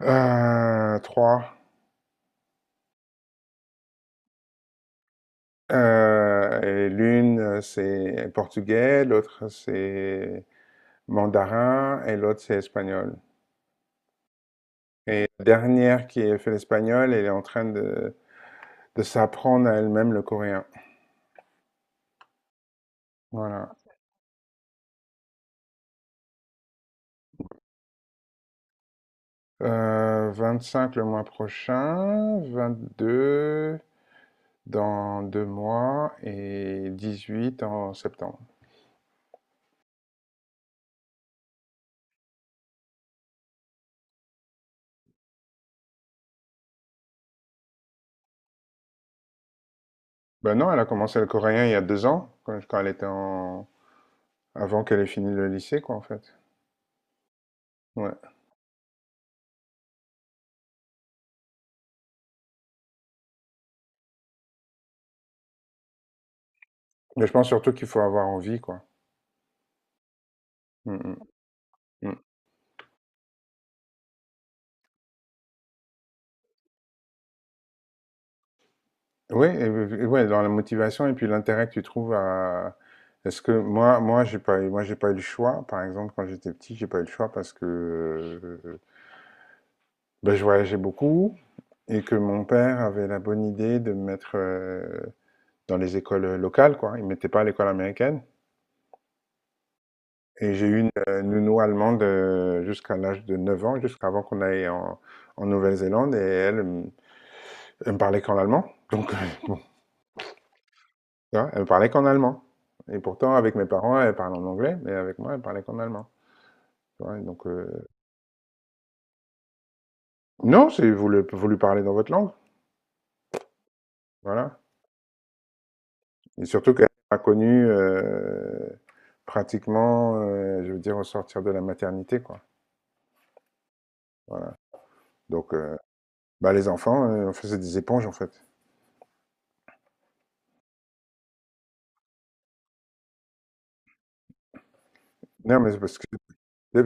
3, et l'une, c'est portugais, l'autre c'est mandarin et l'autre c'est espagnol et la dernière qui a fait l'espagnol, elle est en train de s'apprendre à elle-même le coréen. Voilà. 25 le mois prochain, 22 dans 2 mois et 18 en septembre. Ben non, elle a commencé le coréen il y a 2 ans, quand elle était en avant qu'elle ait fini le lycée quoi, en fait. Ouais. Mais je pense surtout qu'il faut avoir envie, quoi. Mmh, mmh, mmh. Oui, et ouais, dans la motivation et puis l'intérêt que tu trouves à. Est-ce que moi, j'ai pas, eu- moi, j'ai pas eu le choix. Par exemple, quand j'étais petit, j'ai pas eu le choix parce que euh, ben, je voyageais beaucoup et que mon père avait la bonne idée de me mettre dans les écoles locales, quoi. Il mettait pas à l'école américaine. Et j'ai eu une nounou allemande jusqu'à l'âge de 9 ans, jusqu'avant qu'on aille en Nouvelle-Zélande. Et elle, elle me parlait qu'en allemand. Donc, tu vois, elle parlait qu'en allemand. Et pourtant, avec mes parents, elle parlait en anglais, mais avec moi, elle parlait qu'en allemand. Tu vois, donc, non, si vous lui parlez dans votre langue, voilà. Et surtout qu'elle a connu pratiquement, je veux dire, au sortir de la maternité, quoi. Voilà. Donc, bah, les enfants, on faisait des éponges, en fait. Non, mais c'est parce que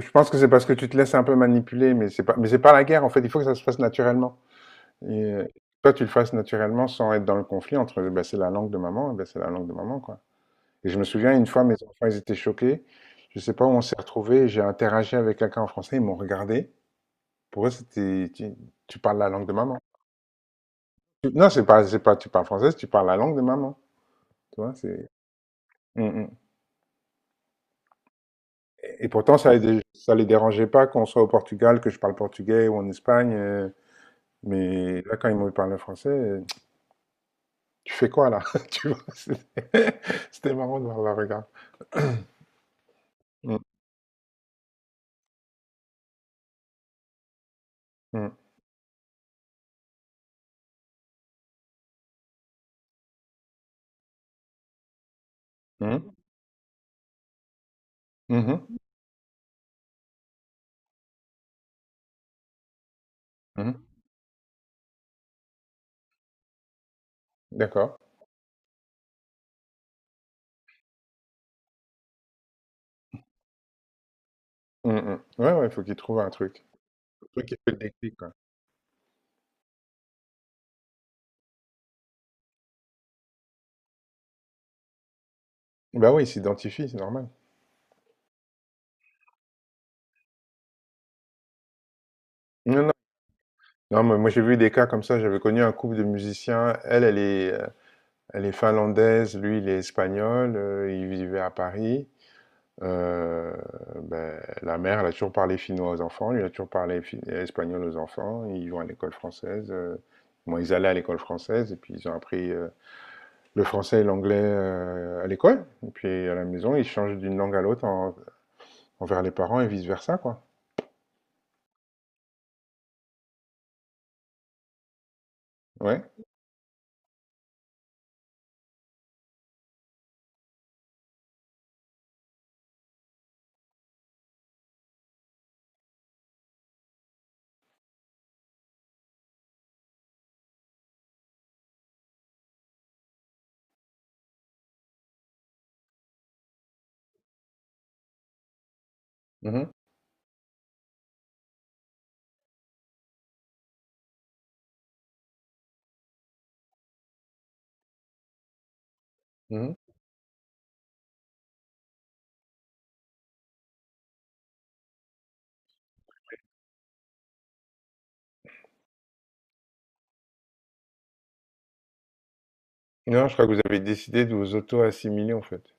je pense que c'est parce que tu te laisses un peu manipuler, mais c'est pas la guerre, en fait. Il faut que ça se fasse naturellement. Et toi, tu le fasses naturellement sans être dans le conflit entre, bah, c'est la langue de maman, bah, c'est la langue de maman, quoi. Et je me souviens, une fois, mes enfants, ils étaient choqués. Je ne sais pas où on s'est retrouvés. J'ai interagi avec quelqu'un en français. Ils m'ont regardé. Pour eux, c'était, tu parles la langue de maman. Non, c'est pas, tu parles française, tu parles la langue de maman. Tu vois, c'est. Mm, mm. Et pourtant, ça, ça les dérangeait pas qu'on soit au Portugal, que je parle portugais ou en Espagne. Mais là, quand ils m'ont parlé français, tu fais quoi là? Tu vois, c'était c'était marrant de voir leur regard. Mm, mm, mm, mhm, mhm. D'accord. Mm, mm. Ouais, ouais, il faut qu'ils trouvent un truc. Truc qui fait le déclic, quoi. Bah oui, il s'identifie, c'est normal. Non, non. Non, mais moi j'ai vu des cas comme ça. J'avais connu un couple de musiciens. Elle, elle est finlandaise, lui, il est espagnol. Ils vivaient à Paris. Euh, ben, la mère, elle a toujours parlé finnois aux enfants. Lui, il a toujours parlé espagnol aux enfants. Ils vont à l'école française. Bon, ils allaient à l'école française et puis ils ont appris le français et l'anglais à l'école. Et puis à la maison, ils changent d'une langue à l'autre envers les parents et vice-versa, quoi. Ouais. Mhm. Mhm. Non, je crois que vous avez décidé de vous auto-assimiler, en fait.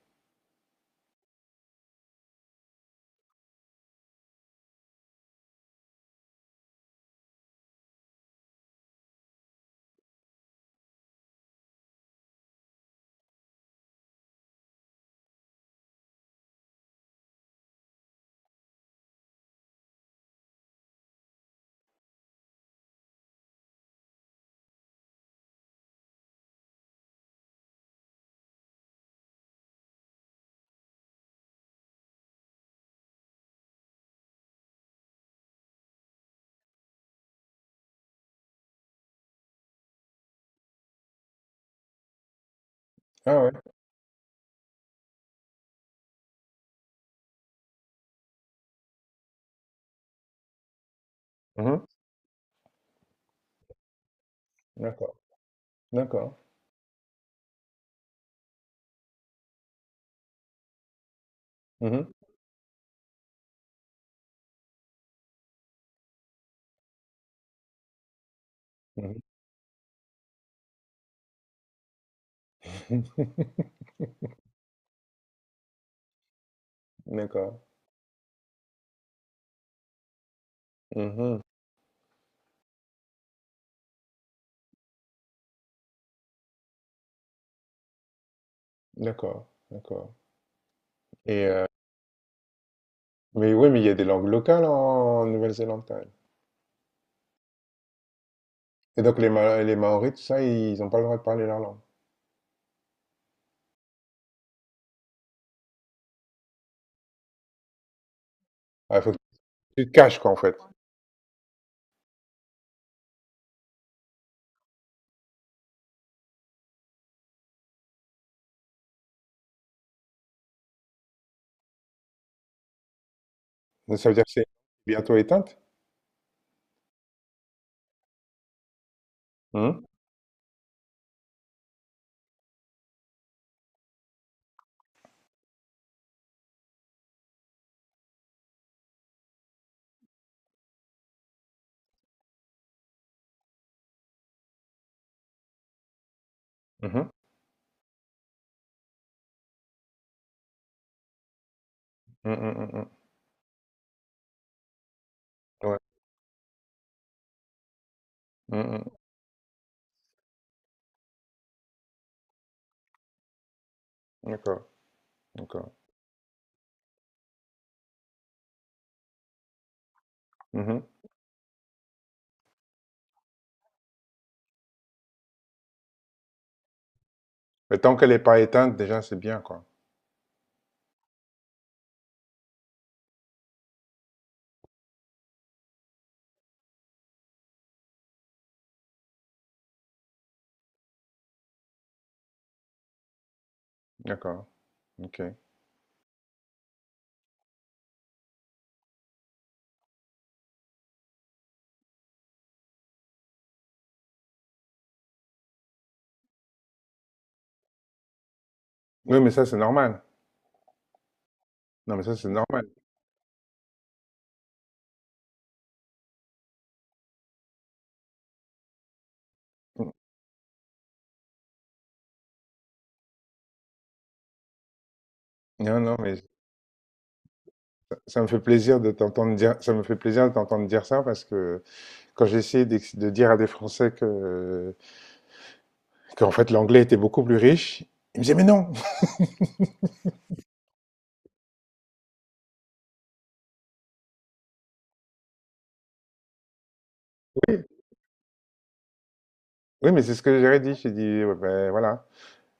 Ah ouais? Mmh. D'accord, d'accord. Mmh. Mmh. D'accord. Mmh. D'accord, d'accord. Et mais oui, mais il y a des langues locales en Nouvelle-Zélande, quand même. Et donc les Ma les Maoris, tout ça, ils ont pas le droit de parler leur langue? Ah, il faut que tu te caches, quoi, en fait. Ça veut dire que c'est bientôt éteinte? Mmh. Mmh mh. Mmh mh, mmh. Ouais. Mmh mh. D'accord, d'accord. Mmh. Mais tant qu'elle est pas éteinte, déjà, c'est bien, quoi. D'accord, OK. Oui, mais ça, c'est normal. Non, mais ça, c'est normal. Mmh. Non, non, mais ça me fait plaisir de t'entendre dire, ça me fait plaisir de t'entendre dire ça parce que quand de dire à des Français que, qu'en fait l'anglais était beaucoup plus riche, ils me disaient, mais non! Oui, mais c'est ce que j'aurais dit. J'ai dit, ouais, ben, voilà.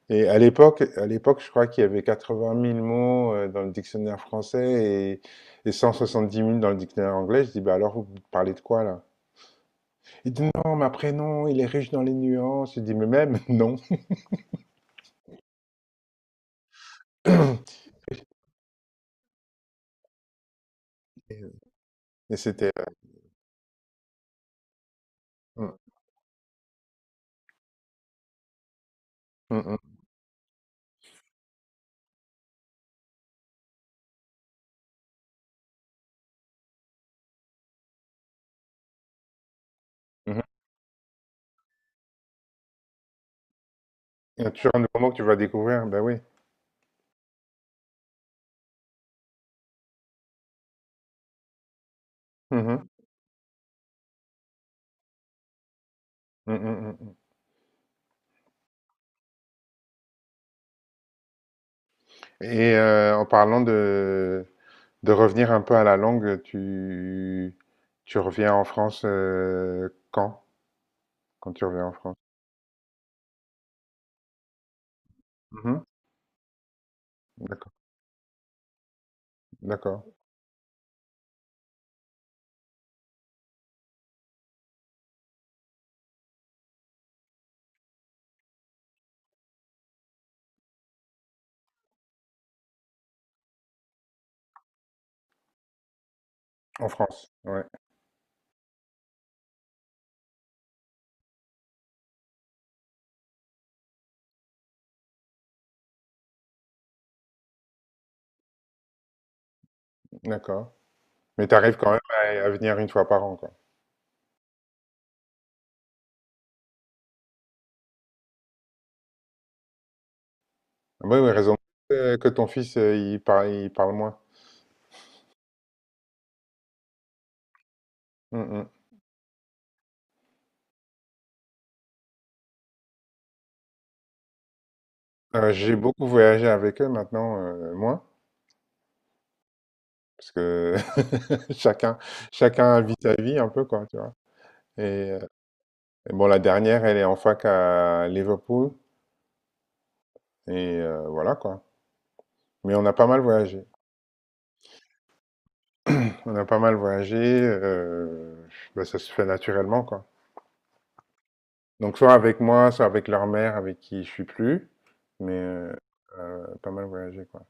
Et à l'époque, je crois qu'il y avait 80 000 mots dans le dictionnaire français et 170 000 dans le dictionnaire anglais. Je dis, bah alors, vous parlez de quoi là? Il dit, non, ma prénom, il est riche dans les nuances. Je dis, mais même, non. Et c'était. euh, mm, mm, mm. Mmh mh. Et sur un nouveau mot que tu vas découvrir, ben oui. Mmh mh. Mmh mh, mmh. Et en parlant de revenir un peu à la langue, tu reviens en France, quand? Quand tu reviens en France? Mmh. D'accord, d'accord. En France? Ouais, d'accord. Mais tu arrives quand même à venir une fois par an, quoi? Ah bah oui, oui, raison que ton fils, il parle moins. Mmh mh. J'ai beaucoup voyagé avec eux, maintenant, moins, parce que chacun chacun vit sa vie un peu, quoi, tu vois? Et, euh, et bon, la dernière, elle est en fac à Liverpool. Et voilà quoi. Mais on a pas mal voyagé. On a pas mal voyagé. euh, ben, ça se fait naturellement quoi. Donc soit avec moi, soit avec leur mère, avec qui je suis plus. Mais pas mal voyagé quoi.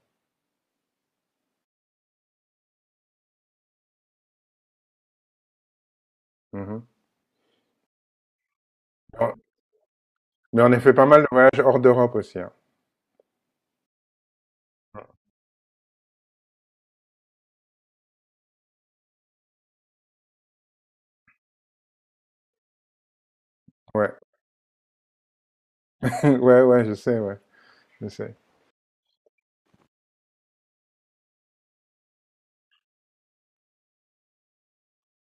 Mhm. Bon, mais on a fait pas mal de voyages hors d'Europe aussi, hein. Ouais. Ouais, ouais, je sais, ouais, je sais.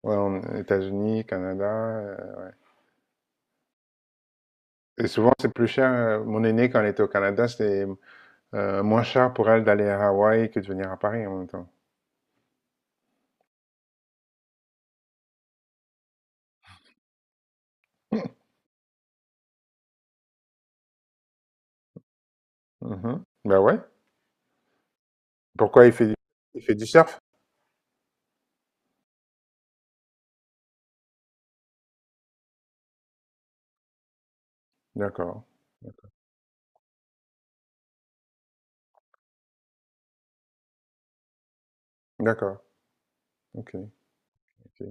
Ouais, États-Unis, Canada. Et souvent, c'est plus cher. Mon aîné, quand il était au Canada, c'était moins cher pour elle d'aller à Hawaï que de venir à Paris en même temps. Mhm. Ben ouais. Pourquoi il fait, il fait du surf? D'accord. D'accord. Ok. Ok.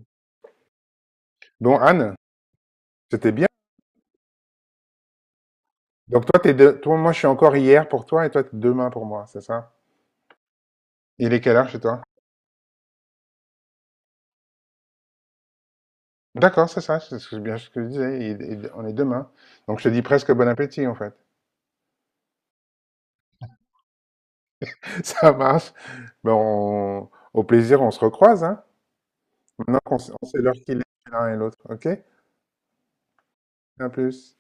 Bon, Anne, c'était bien. Donc toi, t'es toi, moi, je suis encore hier pour toi et toi, t'es demain pour moi, c'est ça? Il est quelle heure chez toi? D'accord, c'est ça, bien ce que je disais. Il- on est demain. Donc je te dis presque bon appétit, en fait. Ça marche. Ben, au plaisir, on se recroise, hein. Maintenant on sait l'heure qu'il est l'un et l'autre. Ok? À plus.